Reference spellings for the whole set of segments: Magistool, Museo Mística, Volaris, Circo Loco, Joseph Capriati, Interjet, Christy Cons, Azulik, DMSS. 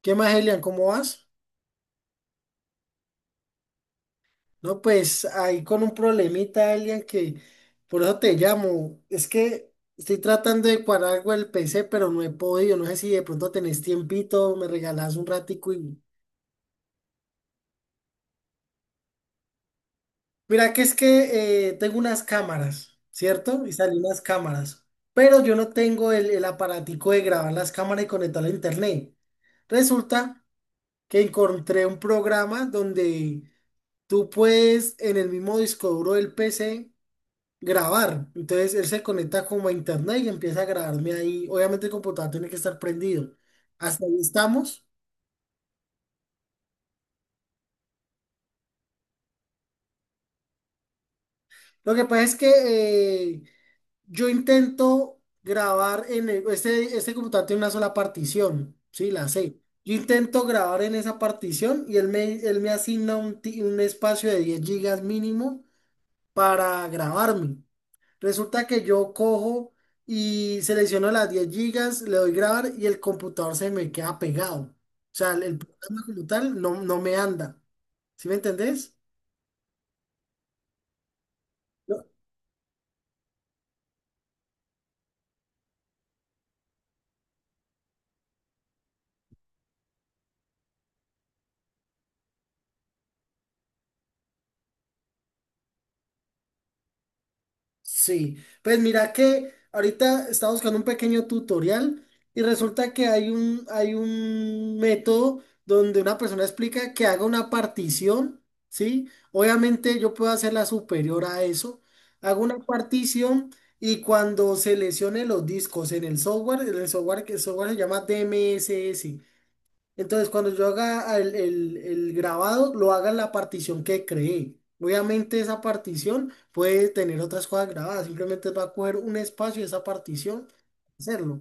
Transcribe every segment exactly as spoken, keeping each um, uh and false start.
¿Qué más, Elian? ¿Cómo vas? No, pues ahí con un problemita, Elian, que por eso te llamo. Es que estoy tratando de cuadrar algo del P C, pero no he podido. No sé si de pronto tenés tiempito, me regalás un ratico y... Mira que es que eh, tengo unas cámaras, ¿cierto? Y salí unas cámaras. Pero yo no tengo el, el aparatico de grabar las cámaras y conectarlo a internet. Resulta que encontré un programa donde... Tú puedes en el mismo disco duro del P C grabar. Entonces él se conecta como a internet y empieza a grabarme ahí. Obviamente el computador tiene que estar prendido. Hasta ahí estamos. Lo que pasa es que eh, yo intento grabar en el- este, este computador tiene una sola partición. Sí, la sé. Yo intento grabar en esa partición y él me, él me asigna un, ti- un espacio de diez gigas mínimo para grabarme. Resulta que yo cojo y selecciono las diez gigas, le doy grabar y el computador se me queda pegado. O sea, el el programa como tal no, no me anda. ¿Sí me entendés? Sí, pues mira que ahorita estaba buscando un pequeño tutorial y resulta que hay un, hay un método donde una persona explica que haga una partición, ¿sí? Obviamente yo puedo hacerla superior a eso. Hago una partición y cuando seleccione los discos en el software, en el software que el software se llama D M S S. Entonces, cuando yo haga el, el- el grabado, lo haga en la partición que creé. Obviamente esa partición puede tener otras cosas grabadas, simplemente va a coger un espacio de esa partición, hacerlo.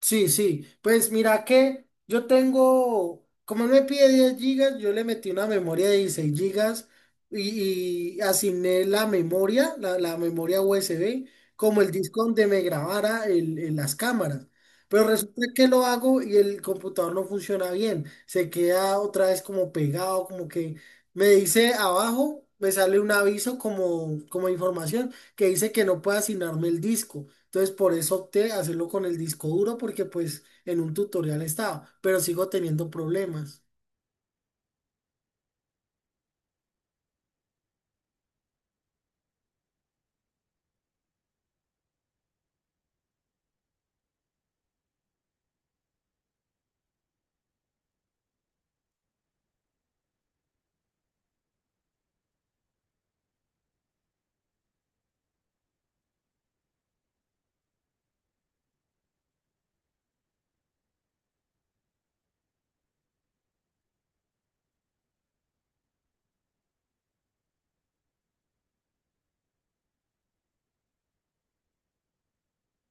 Sí, sí. Pues mira que yo tengo, como él me pide diez gigas, yo le metí una memoria de dieciséis gigas y, y asigné la memoria, la, la memoria U S B, como el disco donde me grabara el- el- las cámaras. Pero resulta que lo hago y el computador no funciona bien. Se queda otra vez como pegado, como que me dice abajo, me sale un aviso como, como información que dice que no puede asignarme el disco. Entonces por eso opté a hacerlo con el disco duro porque pues en un tutorial estaba, pero sigo teniendo problemas.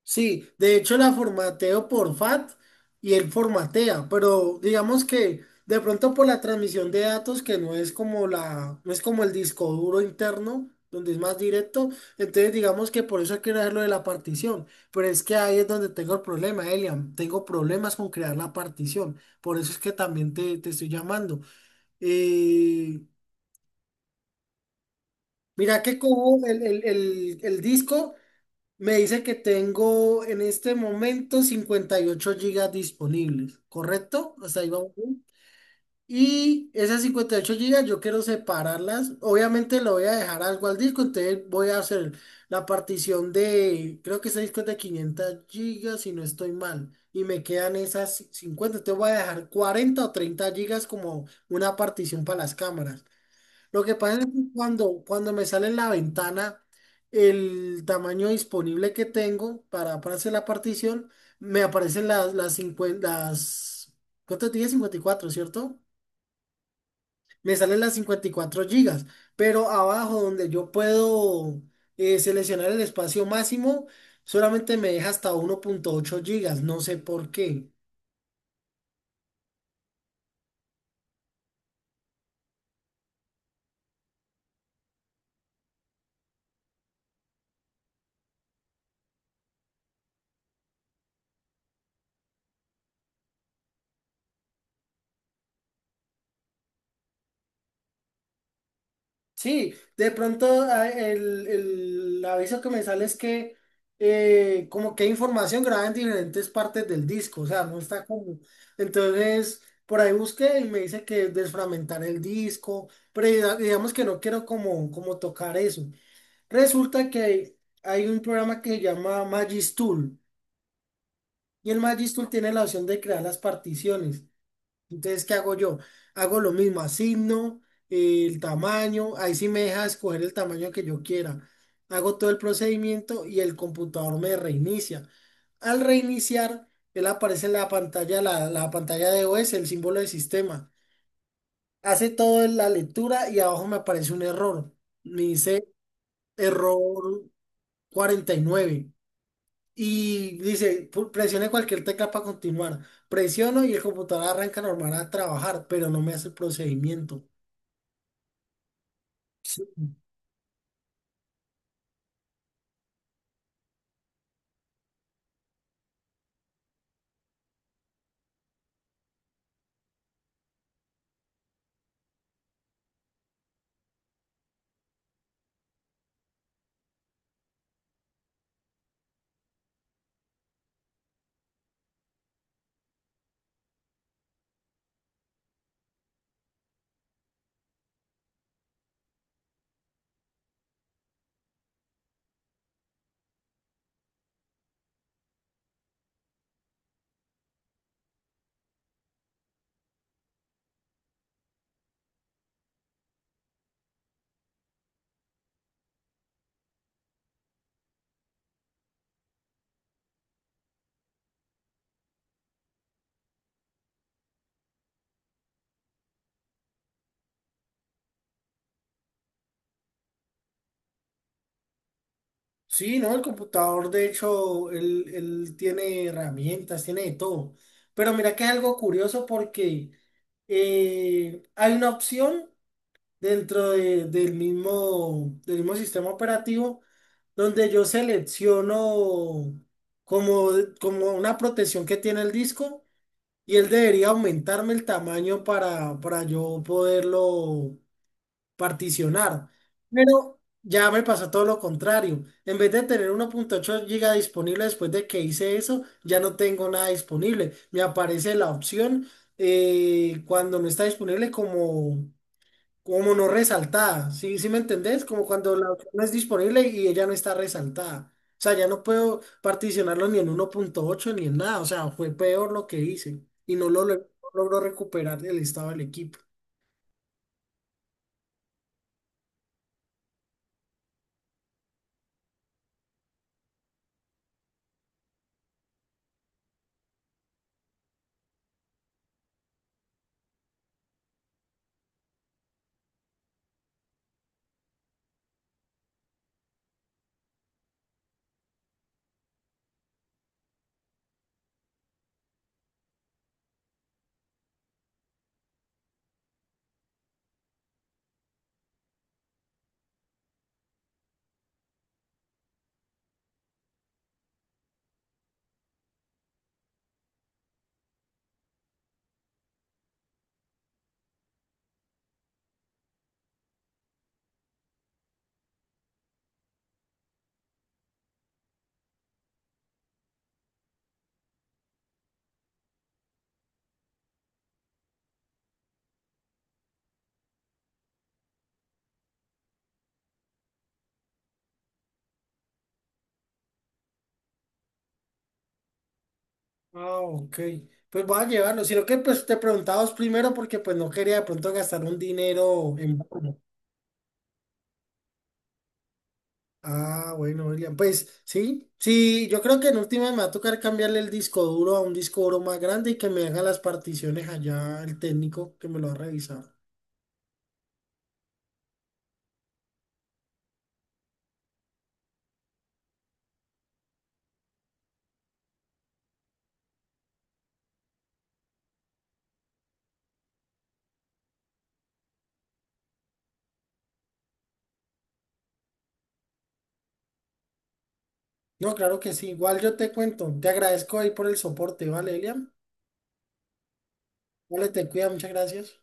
Sí, de hecho la formateo por F A T y él formatea, pero digamos que de pronto por la transmisión de datos que no es como la, no es como el disco duro interno, donde es más directo, entonces digamos que por eso hay que crear lo de la partición, pero es que ahí es donde tengo el problema, Elian, tengo problemas con crear la partición, por eso es que también te, te estoy llamando. Eh, Mira que como el, el- el- el disco me dice que tengo en este momento cincuenta y ocho gigas disponibles, ¿correcto? Hasta ahí vamos bien. Y esas cincuenta y ocho gigas yo quiero separarlas. Obviamente le voy a dejar algo al disco, entonces voy a hacer la partición de, creo que ese disco es de quinientas gigas si no estoy mal. Y me quedan esas cincuenta. Entonces voy a dejar cuarenta o treinta gigas como una partición para las cámaras. Lo que pasa es que cuando, cuando me sale en la ventana el tamaño disponible que tengo para, para hacer la partición, me aparecen las, las cincuenta las, ¿cuánto dije? Cincuenta y cuatro, ¿cierto? Me salen las cincuenta y cuatro gigas, pero abajo donde yo puedo eh, seleccionar el espacio máximo, solamente me deja hasta uno punto ocho gigas, no sé por qué. Sí, de pronto ah, el, el aviso que me sale es que eh, como que hay información grabada en diferentes partes del disco, o sea, no está como... Entonces, por ahí busqué y me dice que desfragmentar el disco, pero diga- digamos que no quiero como, como tocar eso. Resulta que hay un programa que se llama Magistool y el Magistool tiene la opción de crear las particiones. Entonces, ¿qué hago yo? Hago lo mismo, asigno eh, el tamaño, ahí sí me deja escoger el tamaño que yo quiera. Hago todo el procedimiento y el computador me reinicia. Al reiniciar, él aparece en la pantalla, la, la pantalla de O S, el símbolo del sistema. Hace toda la lectura y abajo me aparece un error. Me dice error cuarenta y nueve. Y dice, pu- presione cualquier tecla para continuar. Presiono y el computador arranca normal a trabajar, pero no me hace el procedimiento. Sí, sí no, el computador, de hecho, él, él tiene herramientas, tiene de todo. Pero mira que es algo curioso porque eh, hay una opción dentro de- del mismo, del mismo sistema operativo donde yo selecciono como, como una protección que tiene el disco. Y él debería aumentarme el tamaño para, para yo poderlo particionar. Pero ya me pasó todo lo contrario. En vez de tener uno punto ocho G B disponible después de que hice eso, ya no tengo nada disponible. Me aparece la opción eh, cuando no está disponible como, como no resaltada, ¿sí, sí me entendés? Como cuando la opción no es disponible y ella no está resaltada. O sea, ya no puedo particionarlo ni en uno punto ocho ni en nada. O sea, fue peor lo que hice y no lo log- logró recuperar el estado del equipo. Ah, ok. Pues voy a llevarlo. Sino que pues te preguntabas primero porque pues no quería de pronto gastar un dinero en... vano. Ah, bueno, William, pues sí, sí, yo creo que en última me va a tocar cambiarle el disco duro a un disco duro más grande y que me haga las particiones allá el técnico que me lo va a revisar. No, claro que sí, igual yo te cuento, te agradezco ahí por el soporte, ¿vale, William? Vale, te cuida, muchas gracias.